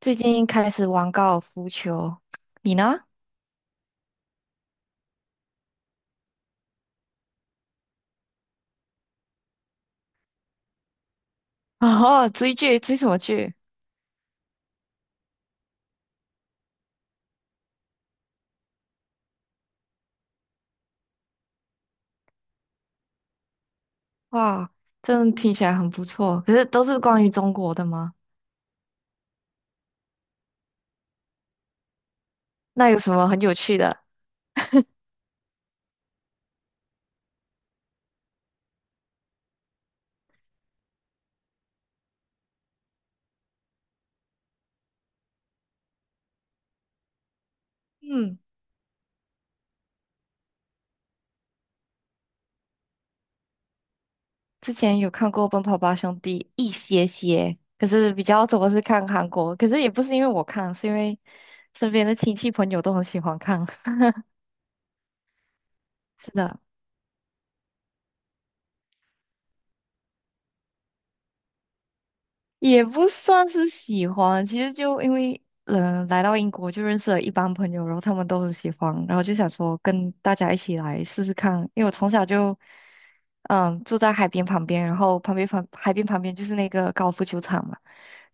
最近开始玩高尔夫球，你呢？哦，追剧，追什么剧？哇，真的听起来很不错。可是都是关于中国的吗？那有什么很有趣的？嗯，之前有看过《奔跑吧兄弟》一些些，可是比较多是看韩国。可是也不是因为我看，是因为身边的亲戚朋友都很喜欢看。是的。也不算是喜欢，其实就因为来到英国就认识了一帮朋友，然后他们都很喜欢，然后就想说跟大家一起来试试看，因为我从小就嗯住在海边旁边，然后旁边旁海边旁边就是那个高尔夫球场嘛，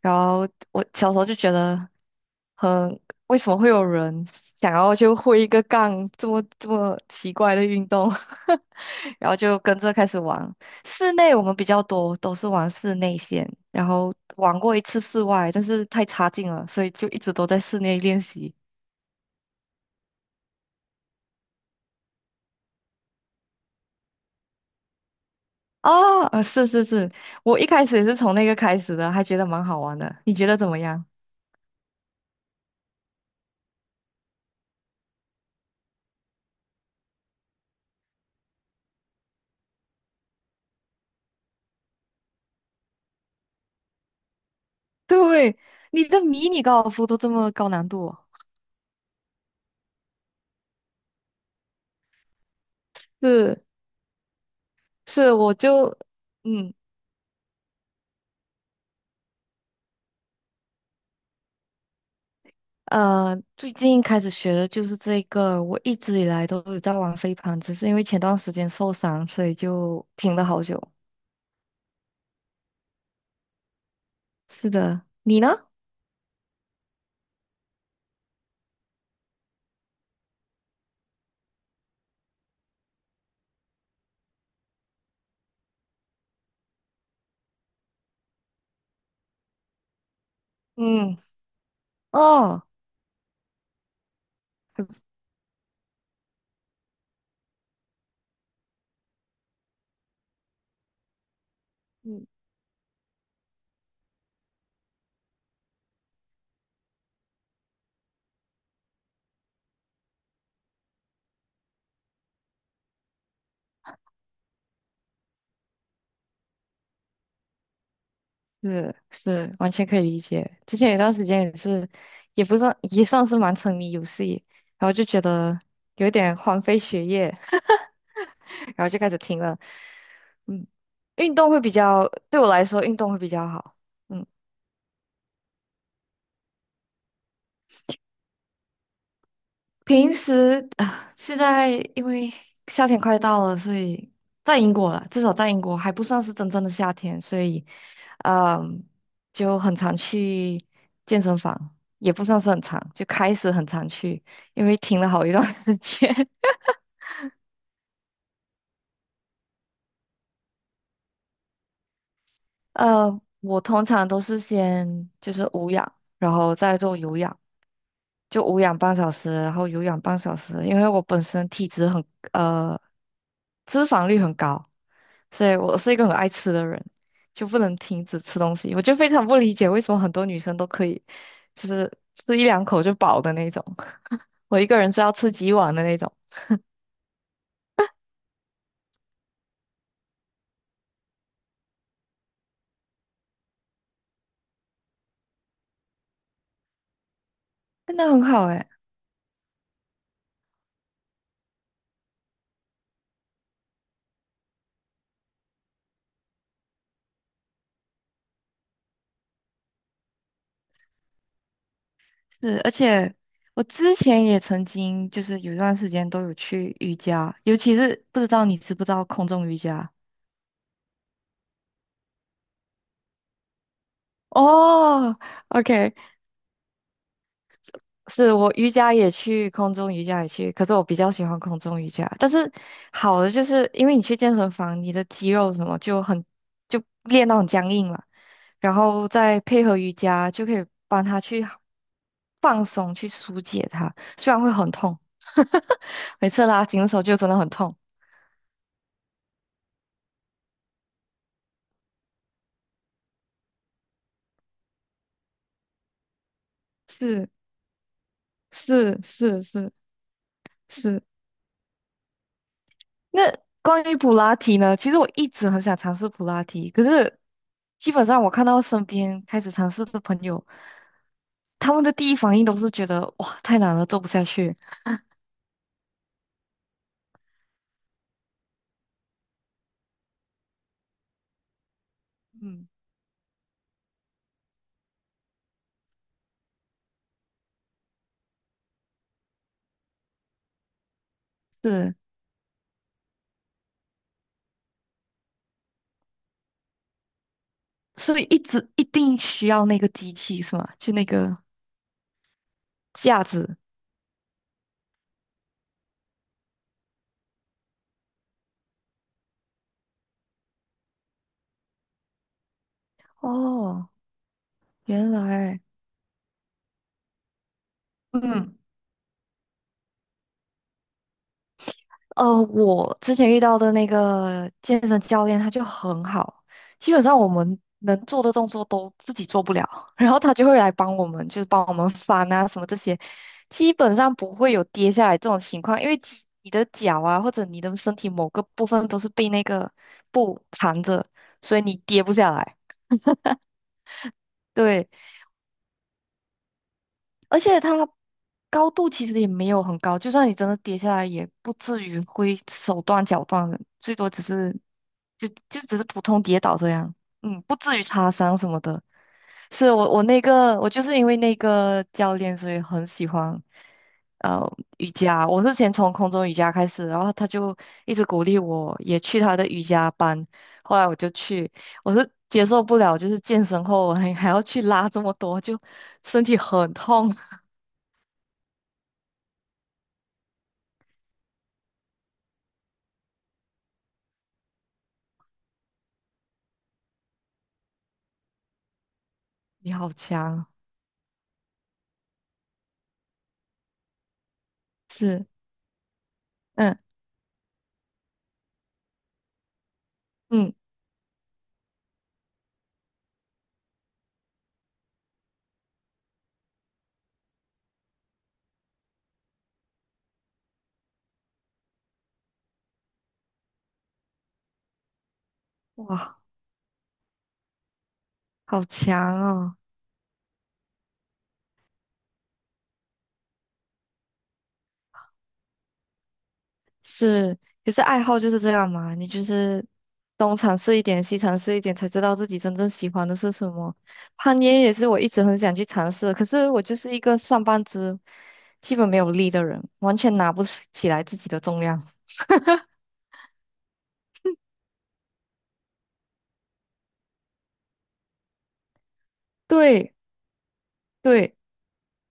然后我小时候就觉得很为什么会有人想要就挥一个杠这么奇怪的运动，然后就跟着开始玩。室内我们比较多都是玩室内线，然后玩过一次室外，但是太差劲了，所以就一直都在室内练习。啊，是是是，我一开始也是从那个开始的，还觉得蛮好玩的。你觉得怎么样？对，你的迷你高尔夫都这么高难度哦。是是，我就嗯最近开始学的就是这个。我一直以来都有在玩飞盘，只是因为前段时间受伤，所以就停了好久。是的，你呢？嗯。哦，嗯，是是，完全可以理解。之前有段时间也是，也不算也算是蛮沉迷游戏，然后就觉得有点荒废学业，然后就开始停了。嗯，运动会比较，对我来说运动会比较好。嗯。平时啊，现在因为夏天快到了，所以在英国了，至少在英国还不算是真正的夏天，所以，嗯，就很常去健身房，也不算是很常，就开始很常去，因为停了好一段 时间。我通常都是先就是无氧，然后再做有氧，就无氧半小时，然后有氧半小时，因为我本身体脂很呃脂肪率很高，所以我是一个很爱吃的人，就不能停止吃东西。我就非常不理解为什么很多女生都可以，就是吃一两口就饱的那种，我一个人是要吃几碗的那种，真的很好诶，是，而且我之前也曾经就是有一段时间都有去瑜伽，尤其是不知道你知不知道空中瑜伽。哦，OK，是我瑜伽也去，空中瑜伽也去，可是我比较喜欢空中瑜伽。但是好的就是因为你去健身房，你的肌肉什么就很就练到很僵硬了，然后再配合瑜伽，就可以帮他去放松，去疏解它。虽然会很痛，每次拉紧的时候就真的很痛。是是是是是，那关于普拉提呢？其实我一直很想尝试普拉提，可是基本上我看到身边开始尝试的朋友，他们的第一反应都是觉得哇太难了，做不下去。嗯，是，所以一直一定需要那个机器是吗？就那个架子。哦，原来，嗯，我之前遇到的那个健身教练，他就很好，基本上我们能做的动作都自己做不了，然后他就会来帮我们，就是帮我们翻啊什么这些，基本上不会有跌下来这种情况，因为肌你的脚啊或者你的身体某个部分都是被那个布缠着，所以你跌不下来。对，而且它高度其实也没有很高，就算你真的跌下来，也不至于会手断脚断的，最多只是就就只是普通跌倒这样，嗯，不至于擦伤什么的。是我那个我就是因为那个教练，所以很喜欢呃瑜伽。我是先从空中瑜伽开始，然后他就一直鼓励我，也去他的瑜伽班。后来我就去，我是接受不了，就是健身后我还要去拉这么多，就身体很痛。你好强，是，嗯嗯，哇，好强哦，是，可是爱好就是这样嘛，你就是东尝试一点，西尝试一点，才知道自己真正喜欢的是什么。攀岩也是我一直很想去尝试的可是我就是一个上半肢基本没有力的人，完全拿不起来自己的重量。对对，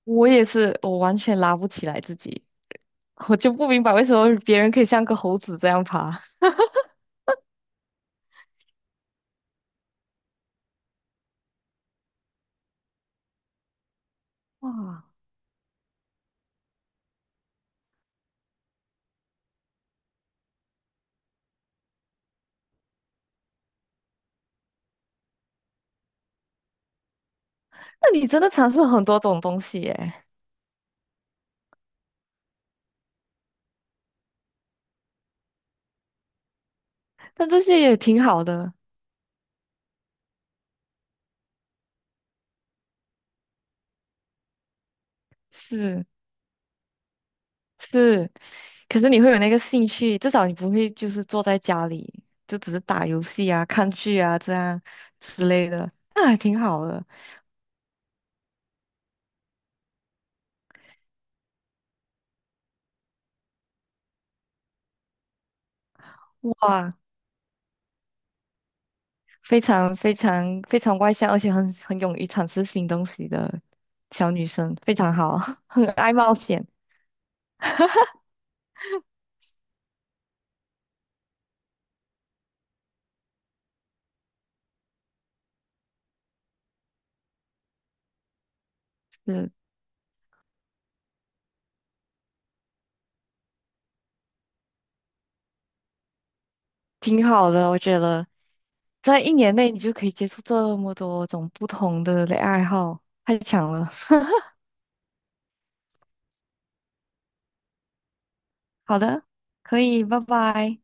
我也是，我完全拉不起来自己，我就不明白为什么别人可以像个猴子这样爬。哇，那你真的尝试很多种东西耶。但这些也挺好的，是是。可是你会有那个兴趣，至少你不会就是坐在家里，就只是打游戏啊、看剧啊这样之类的，那还挺好的。哇，非常外向，而且很勇于尝试新东西的小女生，非常好，很爱冒险，嗯，挺好的，我觉得。在一年内，你就可以接触这么多种不同的爱好，太强了。好的，可以，拜拜。